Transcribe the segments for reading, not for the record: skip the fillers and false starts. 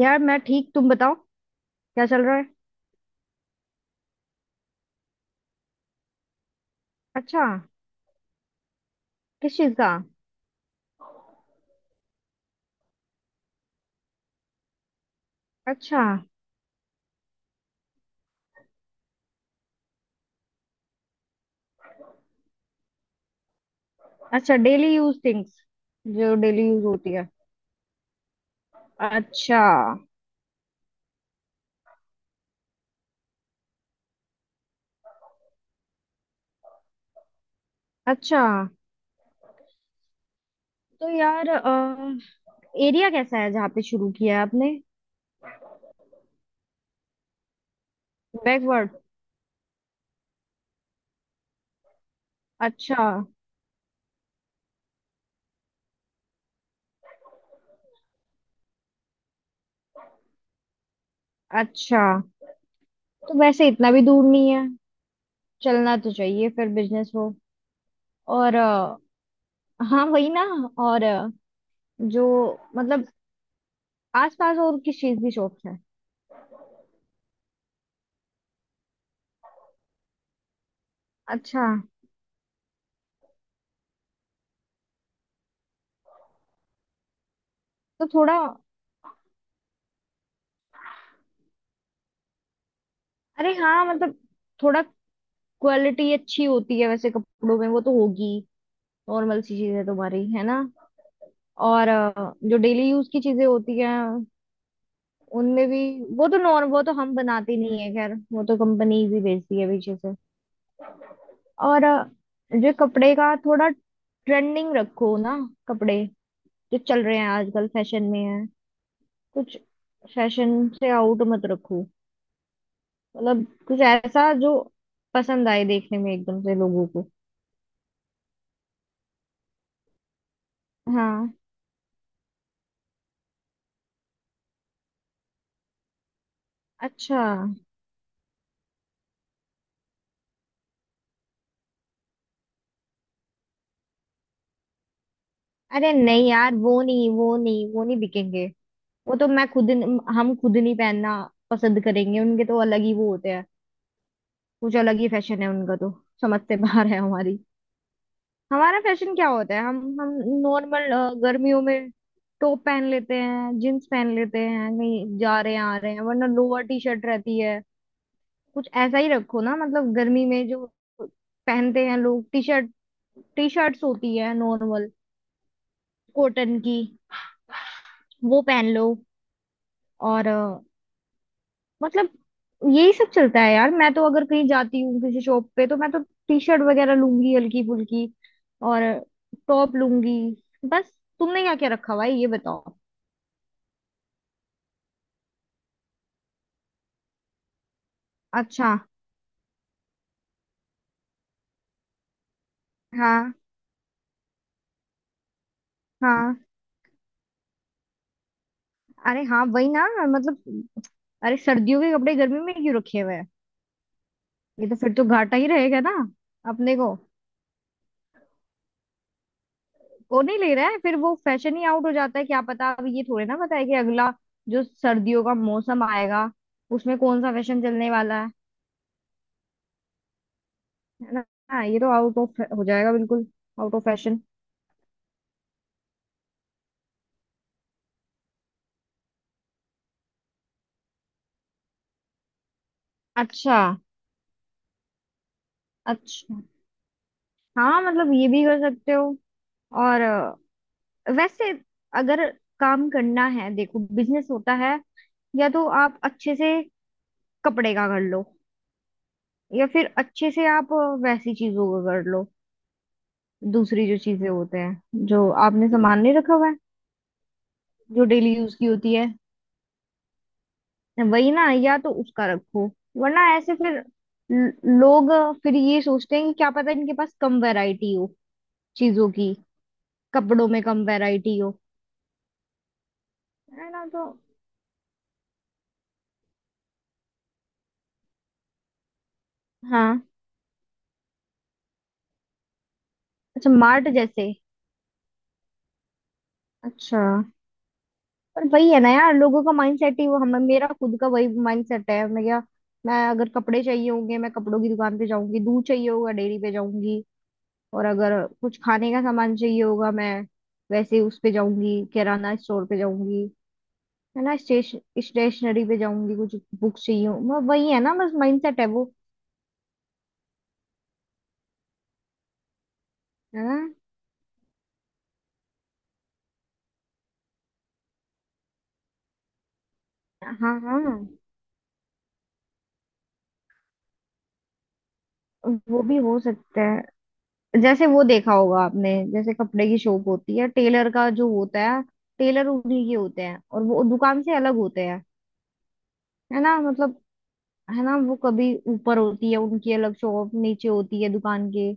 यार मैं ठीक। तुम बताओ क्या चल रहा है। अच्छा। किस चीज का? अच्छा। अच्छा, डेली यूज थिंग्स जो डेली यूज होती है। अच्छा। अच्छा। तो यार एरिया कैसा है जहाँ पे शुरू किया है आपने? बैकवर्ड? अच्छा। अच्छा। तो वैसे इतना भी दूर नहीं है। चलना तो चाहिए फिर बिजनेस हो। और हाँ वही ना। और जो मतलब आसपास और किस चीज की शॉप्स है? अच्छा। तो थोड़ा, अरे हाँ मतलब, थोड़ा क्वालिटी अच्छी होती है वैसे कपड़ों में, वो तो होगी। नॉर्मल सी चीज है तुम्हारी, है ना। और जो डेली यूज की चीजें होती हैं उनमें भी, वो तो हम बनाते नहीं है, खैर वो तो कंपनी भी बेचती है पीछे से। और जो कपड़े का, थोड़ा ट्रेंडिंग रखो ना कपड़े जो चल रहे हैं आजकल फैशन में है कुछ। फैशन से आउट मत रखो, मतलब कुछ ऐसा जो पसंद आए देखने में एकदम से लोगों को। हाँ। अच्छा। अरे नहीं यार, वो नहीं, वो नहीं, वो नहीं बिकेंगे। वो तो मैं खुद हम खुद नहीं पहनना पसंद करेंगे, उनके तो अलग ही वो होते हैं। कुछ अलग ही फैशन है उनका तो, समझ से बाहर है हमारी। हमारा फैशन क्या होता है, हम नॉर्मल, गर्मियों में टॉप पहन लेते हैं, जींस पहन लेते हैं, कहीं जा रहे हैं आ रहे हैं, वरना लोअर टी शर्ट रहती है। कुछ ऐसा ही रखो ना, मतलब गर्मी में जो पहनते हैं लोग, टी शर्ट, टी शर्ट्स होती है नॉर्मल कॉटन की, वो पहन लो। और मतलब यही सब चलता है यार, मैं तो अगर कहीं जाती हूँ किसी शॉप पे तो मैं तो टी शर्ट वगैरह लूंगी हल्की फुल्की, और टॉप लूंगी बस। तुमने क्या क्या रखा हुआ है ये बताओ। अच्छा। हाँ, हाँ। अरे हाँ वही ना मतलब, अरे सर्दियों के कपड़े गर्मी में क्यों रखे हुए हैं? ये तो फिर तो घाटा ही रहेगा ना अपने को। वो नहीं ले रहा है फिर, वो फैशन ही आउट हो जाता है। क्या पता, अब ये थोड़े ना पता है कि अगला जो सर्दियों का मौसम आएगा उसमें कौन सा फैशन चलने वाला है ना। हाँ, ये तो आउट ऑफ हो जाएगा बिल्कुल, आउट ऑफ फैशन। अच्छा। अच्छा। हाँ मतलब ये भी कर सकते हो। और वैसे अगर काम करना है, देखो बिजनेस होता है, या तो आप अच्छे से कपड़े का कर लो, या फिर अच्छे से आप वैसी चीजों का कर लो। दूसरी जो चीजें होते हैं जो आपने सामान नहीं रखा हुआ है, जो डेली यूज की होती है, वही ना, या तो उसका रखो, वरना ऐसे फिर लोग फिर ये सोचते हैं कि क्या पता इनके पास कम वैरायटी हो चीजों की, कपड़ों में कम वैरायटी हो, है ना तो। हाँ। अच्छा, मार्ट जैसे। अच्छा। पर वही है ना यार, लोगों का माइंडसेट ही वो, हमें, मेरा खुद का वही माइंडसेट है, मैं अगर कपड़े चाहिए होंगे मैं कपड़ों की दुकान पे जाऊंगी, दूध चाहिए होगा डेयरी पे जाऊंगी, और अगर कुछ खाने का सामान चाहिए होगा मैं वैसे उस पे जाऊंगी, किराना स्टोर पे जाऊंगी, मैं ना स्टेशनरी पे जाऊंगी कुछ बुक चाहिए वही है ना बस माइंडसेट है वो, है ना। हाँ, हाँ वो भी हो सकता है। जैसे वो देखा होगा आपने, जैसे कपड़े की शॉप होती है, टेलर का जो होता है, टेलर उन्हीं के होते हैं और वो दुकान से अलग होते हैं, है ना मतलब, है ना वो कभी ऊपर होती है उनकी अलग शॉप, नीचे होती है दुकान के।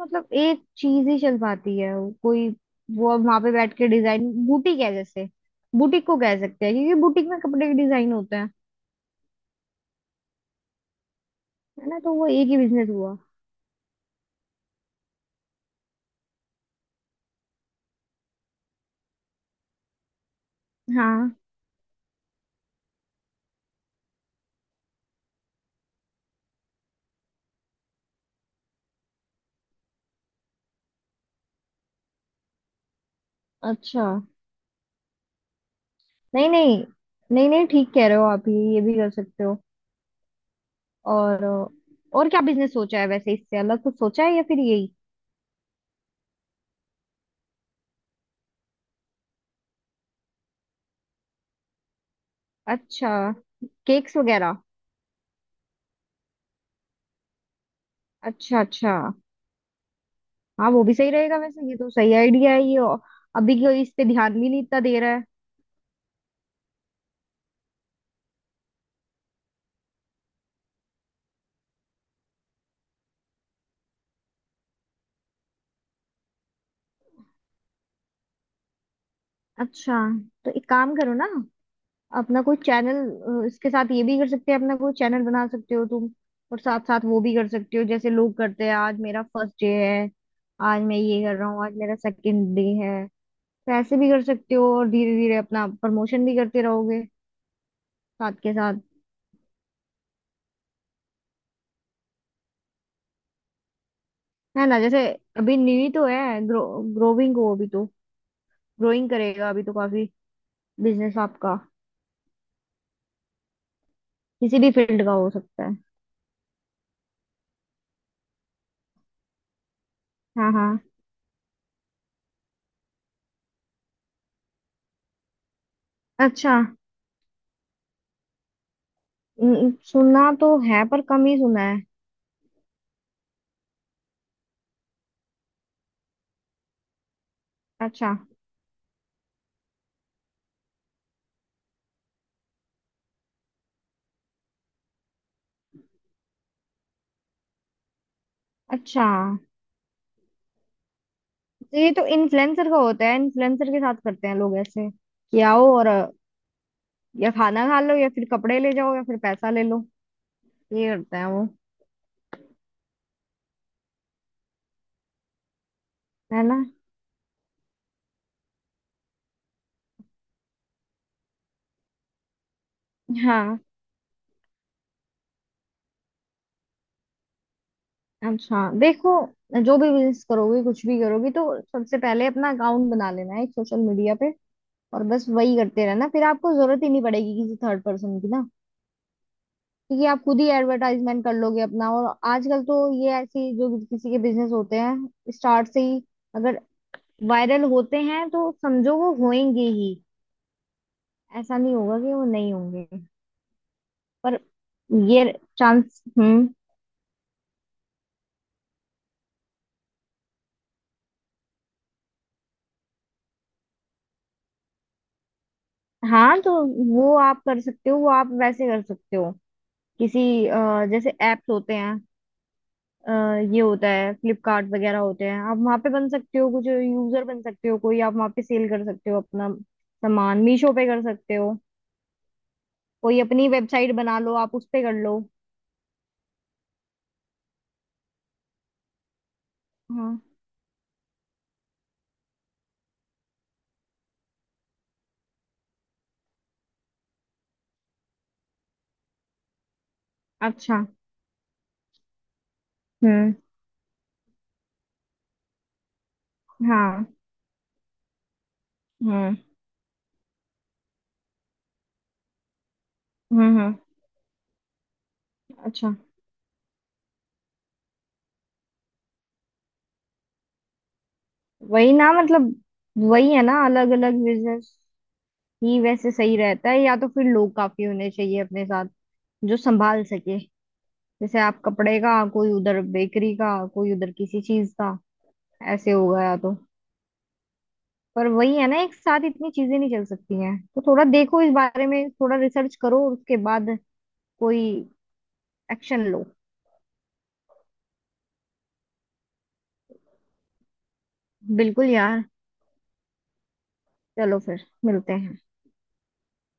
मतलब एक चीज ही चल पाती है, वो वहां पे बैठ के डिजाइन, बुटीक है जैसे, बुटीक को कह सकते हैं क्योंकि बुटीक में कपड़े के डिजाइन होते हैं, है ना तो वो एक ही बिजनेस हुआ। हाँ। अच्छा। नहीं, नहीं, नहीं, नहीं ठीक कह रहे हो आप, ये भी कर सकते हो। और और क्या बिजनेस सोचा है वैसे, इससे अलग कुछ सोचा है या फिर यही? अच्छा, केक्स वगैरह। अच्छा। अच्छा। हाँ वो भी सही रहेगा वैसे, ये तो सही आइडिया है ये, और अभी क्यों इस पे ध्यान भी नहीं इतना दे रहा है। अच्छा। तो एक काम करो ना, अपना कोई चैनल इसके साथ, ये भी कर सकते हैं, अपना कोई चैनल बना सकते हो तुम, और साथ साथ वो भी कर सकते हो जैसे लोग करते हैं, आज मेरा फर्स्ट डे है, आज मैं ये कर रहा हूँ, आज मेरा सेकंड डे है, तो ऐसे भी कर सकते हो, और धीरे धीरे अपना प्रमोशन भी करते रहोगे साथ के साथ। है ना जैसे, अभी न्यू ही तो है, ग्रोविंग हो अभी तो, ग्रोइंग करेगा अभी तो काफी बिजनेस आपका, किसी भी फील्ड का हो सकता है। हाँ, हाँ। अच्छा, सुना तो है पर कम ही सुना है। अच्छा। अच्छा, तो ये तो इन्फ्लुएंसर का होता है, इन्फ्लुएंसर के साथ करते हैं लोग, ऐसे कि आओ और या खाना खा लो या फिर कपड़े ले जाओ या फिर पैसा ले लो, ये करते हैं वो, है ना। हाँ। अच्छा देखो, जो भी बिजनेस करोगे, कुछ भी करोगे, तो सबसे पहले अपना अकाउंट बना लेना है एक सोशल मीडिया पे, और बस वही करते रहना, फिर आपको जरूरत ही नहीं पड़ेगी किसी थर्ड पर्सन की ना, क्योंकि आप खुद ही एडवर्टाइजमेंट कर लोगे अपना। और आजकल तो ये ऐसी जो किसी के बिजनेस होते हैं स्टार्ट से ही अगर वायरल होते हैं तो समझो वो होंगे ही, ऐसा नहीं होगा कि वो नहीं होंगे, पर ये चांस। हम्म। हाँ तो वो आप कर सकते हो, वो आप वैसे कर सकते हो किसी, जैसे एप्स होते हैं, अ, ये होता है फ्लिपकार्ट वगैरह होते हैं, आप वहाँ पे बन सकते हो कुछ, यूजर बन सकते हो कोई, आप वहाँ पे सेल कर सकते हो अपना सामान, मीशो पे कर सकते हो कोई, अपनी वेबसाइट बना लो आप उस पे कर लो। हाँ। अच्छा। हम्म। हाँ, हम्म। हम्म। हम्म। अच्छा। वही ना मतलब, वही है ना, अलग अलग बिजनेस ही वैसे सही रहता है, या तो फिर लोग काफी होने चाहिए अपने साथ जो संभाल सके, जैसे आप कपड़े का कोई उधर, बेकरी का कोई उधर, किसी चीज का, ऐसे हो गया तो। पर वही है ना एक साथ इतनी चीजें नहीं चल सकती हैं, तो थोड़ा देखो इस बारे में, थोड़ा रिसर्च करो और उसके बाद कोई एक्शन लो। बिल्कुल यार। चलो फिर मिलते हैं।